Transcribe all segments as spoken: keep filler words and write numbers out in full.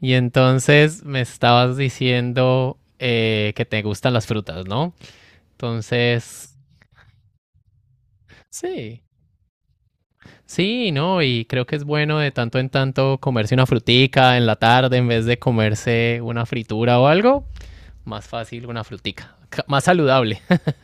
Y entonces me estabas diciendo eh, que te gustan las frutas, ¿no? Entonces, sí, sí, ¿no? Y creo que es bueno de tanto en tanto comerse una frutica en la tarde en vez de comerse una fritura o algo. Más fácil una frutica, ca- más saludable.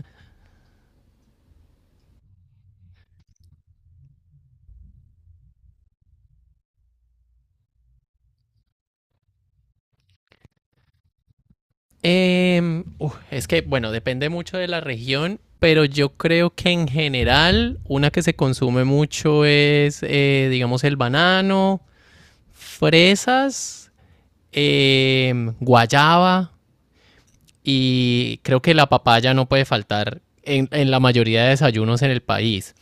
Em, uf, es que, bueno, depende mucho de la región, pero yo creo que en general una que se consume mucho es, eh, digamos, el banano, fresas eh, guayaba y creo que la papaya no puede faltar en, en la mayoría de desayunos en el país.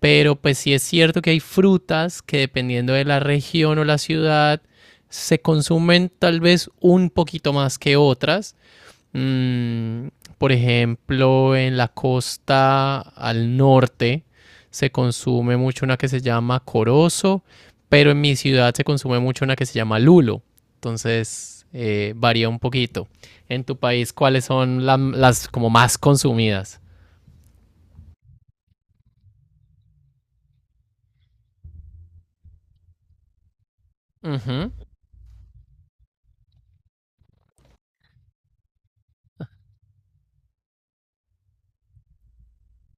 Pero pues sí es cierto que hay frutas que dependiendo de la región o la ciudad se consumen tal vez un poquito más que otras. Mm, por ejemplo, en la costa al norte se consume mucho una que se llama corozo, pero en mi ciudad se consume mucho una que se llama lulo. Entonces, eh, varía un poquito. En tu país, ¿cuáles son la- las como más consumidas? Ujú.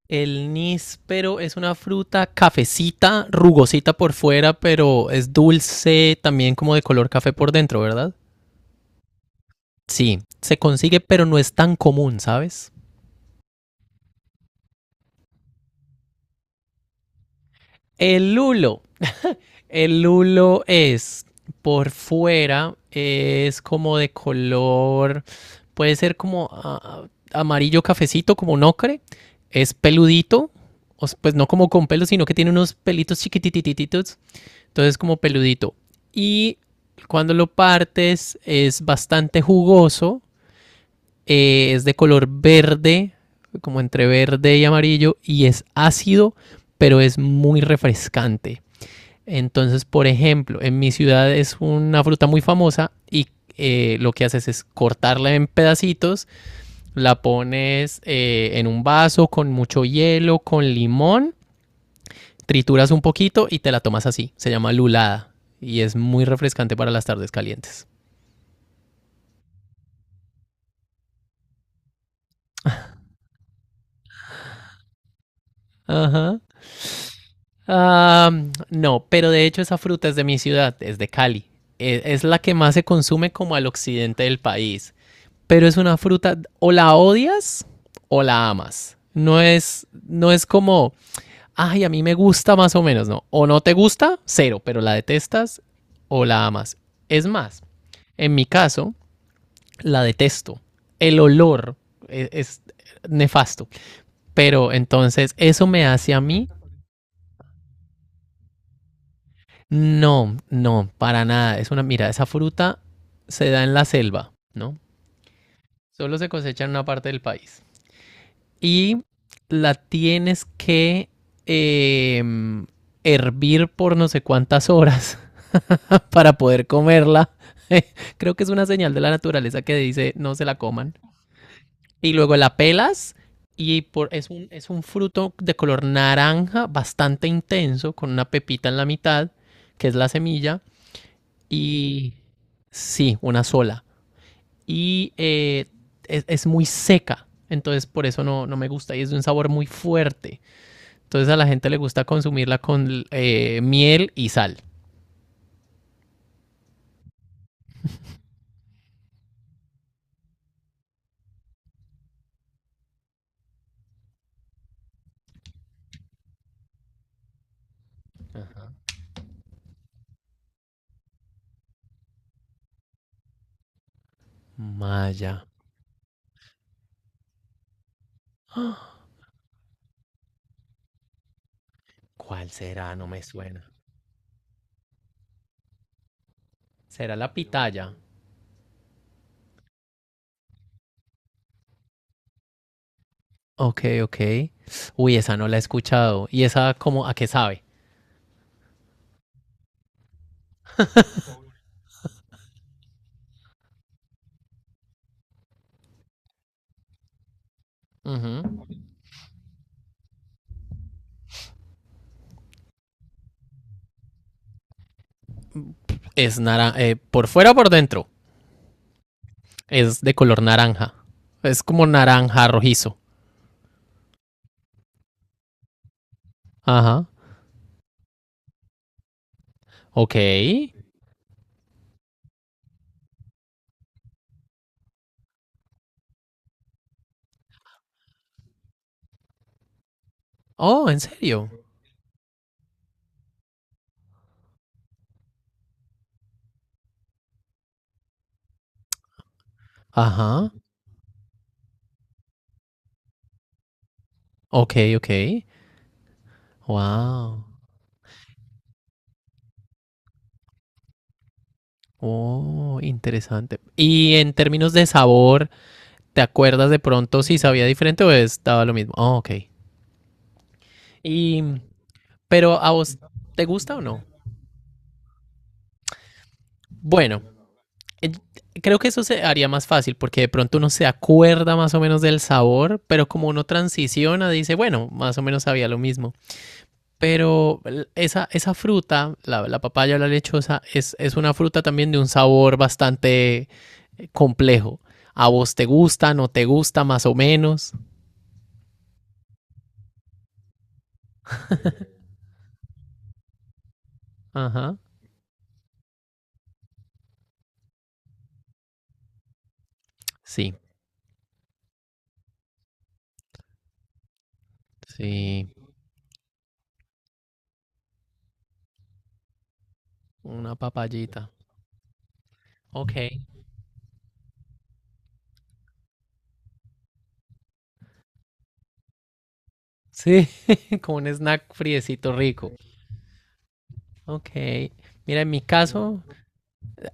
El níspero es una fruta cafecita, rugosita por fuera, pero es dulce, también como de color café por dentro, ¿verdad? Sí, se consigue, pero no es tan común, ¿sabes? El lulo. El lulo es por fuera, es como de color, puede ser como ah, amarillo cafecito, como un ocre. Es peludito, o s- pues no como con pelos, sino que tiene unos pelitos chiquititititos. Entonces como peludito. Y cuando lo partes es bastante jugoso, eh, es de color verde, como entre verde y amarillo, y es ácido, pero es muy refrescante. Entonces, por ejemplo, en mi ciudad es una fruta muy famosa y eh, lo que haces es cortarla en pedacitos, la pones eh, en un vaso con mucho hielo, con limón, trituras un poquito y te la tomas así. Se llama lulada y es muy refrescante para las tardes calientes. Ajá. Ah, no, pero de hecho esa fruta es de mi ciudad, es de Cali. Eh, Es la que más se consume como al occidente del país. Pero es una fruta, o la odias o la amas. No es, no es como, ay, a mí me gusta más o menos, no. O no te gusta, cero, pero la detestas o la amas. Es más, en mi caso, la detesto. El olor es, es nefasto. Pero entonces, eso me hace a mí. No, no, para nada. Es una, mira, esa fruta se da en la selva, ¿no? Solo se cosecha en una parte del país. Y la tienes que eh, hervir por no sé cuántas horas para poder comerla. Creo que es una señal de la naturaleza que dice no se la coman. Y luego la pelas y por, es, un, es un fruto de color naranja bastante intenso con una pepita en la mitad, que es la semilla. Y sí, una sola. Y eh, es, es muy seca. Entonces por eso no, no me gusta y es de un sabor muy fuerte. Entonces a la gente le gusta consumirla con eh, miel y sal. Maya. ¿Cuál será? No me suena. ¿Será la pitaya? Ok, ok. Uy, esa no la he escuchado. ¿Y esa como a qué sabe? Ujú. Es naranja. Por fuera o por dentro. Es de color naranja. Es como naranja rojizo. Ajá. Ok. Oh, ¿en serio? Ajá. Ok, ok. Wow. Oh, interesante. Y en términos de sabor, ¿te acuerdas de pronto si sabía diferente o estaba lo mismo? Oh, ok. Y, pero a vos, ¿te gusta o no? Bueno, eh, creo que eso se haría más fácil porque de pronto uno se acuerda más o menos del sabor, pero como uno transiciona, dice, bueno, más o menos sabía lo mismo. Pero esa, esa fruta, la, la papaya o la lechosa, es, es una fruta también de un sabor bastante eh, complejo. ¿A vos te gusta, no te gusta, más o menos? Ajá, sí, sí, una papayita. Ok, sí, como un snack friecito rico. Ok, mira, en mi caso,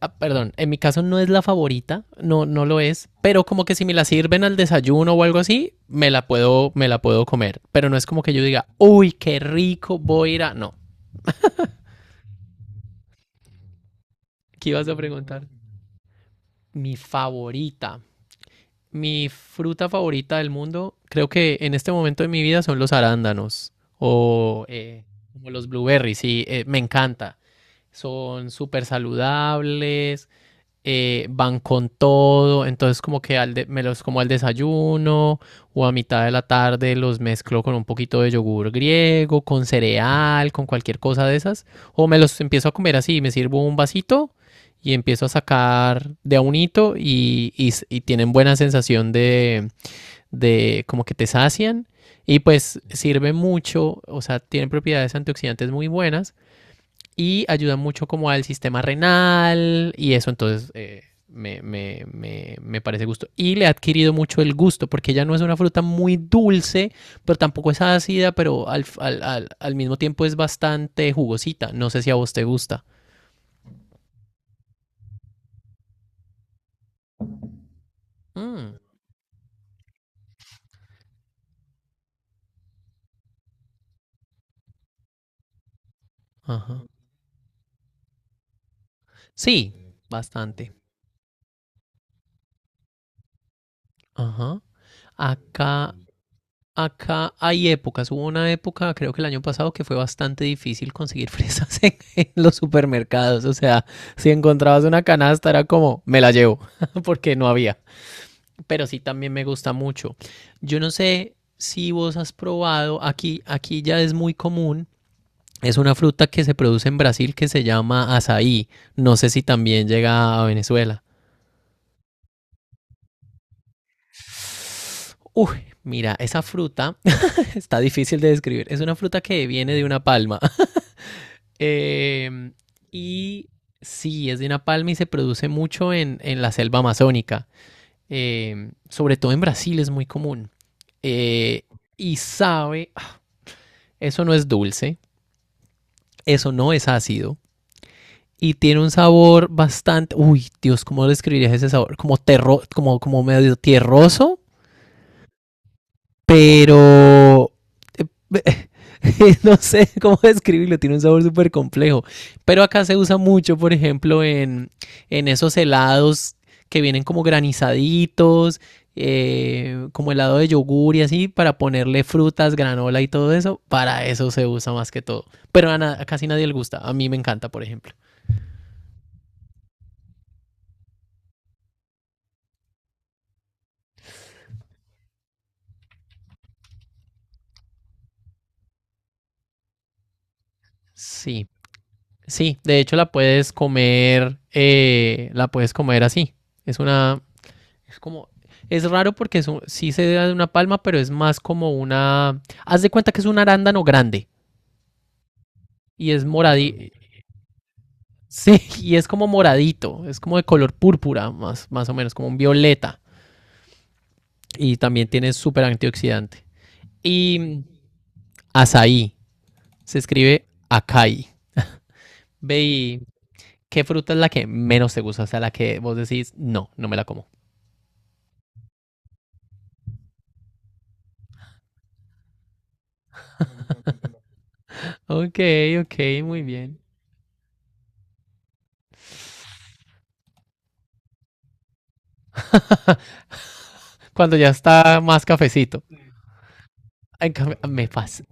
ah, perdón, en mi caso no es la favorita, no, no lo es, pero como que si me la sirven al desayuno o algo así, me la puedo, me la puedo comer, pero no es como que yo diga, uy, qué rico, voy a ir a... No, ¿qué ibas a preguntar? Mi favorita, mi fruta favorita del mundo, creo que en este momento de mi vida son los arándanos o eh, como los blueberries, sí, eh, me encanta. Son súper saludables, eh, van con todo, entonces como que al de- me los como al desayuno o a mitad de la tarde los mezclo con un poquito de yogur griego, con cereal, con cualquier cosa de esas, o me los empiezo a comer así, me sirvo un vasito y empiezo a sacar de a unito y, y y tienen buena sensación de, de como que te sacian y pues sirve mucho, o sea, tienen propiedades antioxidantes muy buenas y ayuda mucho como al sistema renal y eso, entonces eh, me, me, me, me parece gusto. Y le ha adquirido mucho el gusto, porque ella no es una fruta muy dulce, pero tampoco es ácida, pero al, al, al, al mismo tiempo es bastante jugosita. No sé si a vos te gusta. Mm, ajá. Sí, bastante. Ajá. Acá Acá hay épocas. Hubo una época, creo que el año pasado, que fue bastante difícil conseguir fresas en, en los supermercados. O sea, si encontrabas una canasta era como, me la llevo, porque no había. Pero sí también me gusta mucho. Yo no sé si vos has probado, aquí, aquí ya es muy común. Es una fruta que se produce en Brasil que se llama azaí. No sé si también llega a Venezuela. Uy, mira, esa fruta está difícil de describir. Es una fruta que viene de una palma. Eh, y sí, es de una palma y se produce mucho en, en la selva amazónica. Eh, sobre todo en Brasil es muy común. Eh, y sabe, eso no es dulce, eso no es ácido. Y tiene un sabor bastante, uy, Dios, ¿cómo describirías ese sabor? Como, terro, como, como medio tierroso, pero eh, no sé cómo describirlo, tiene un sabor súper complejo. Pero acá se usa mucho, por ejemplo, en, en esos helados que vienen como granizaditos, eh, como helado de yogur y así, para ponerle frutas, granola y todo eso. Para eso se usa más que todo. Pero a, na- a casi nadie le gusta. A mí me encanta, por ejemplo. Sí, sí. De hecho, la puedes comer, eh, la puedes comer así. Es una, Es como, es raro porque es un- sí se da de una palma, pero es más como una, haz de cuenta que es un arándano grande y es moradito, sí, y es como moradito, es como de color púrpura, más, más o menos, como un violeta y también tiene súper antioxidante. Y azaí, se escribe acai. Ve y, ¿qué fruta es la que menos te gusta? O sea, la que vos decís, no, no me la como. Ok, ok, muy bien. Cuando ya está más cafecito. Ay, ca- me pasa.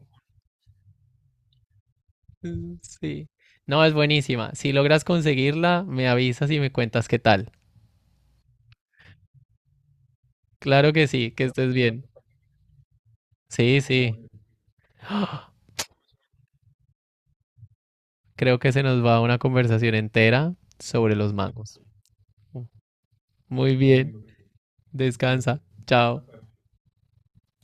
Mm, sí. No, es buenísima. Si logras conseguirla, me avisas y me cuentas qué tal. Claro que sí, que estés bien. Sí, sí. Creo que se nos va una conversación entera sobre los mangos. Muy bien. Descansa. Chao.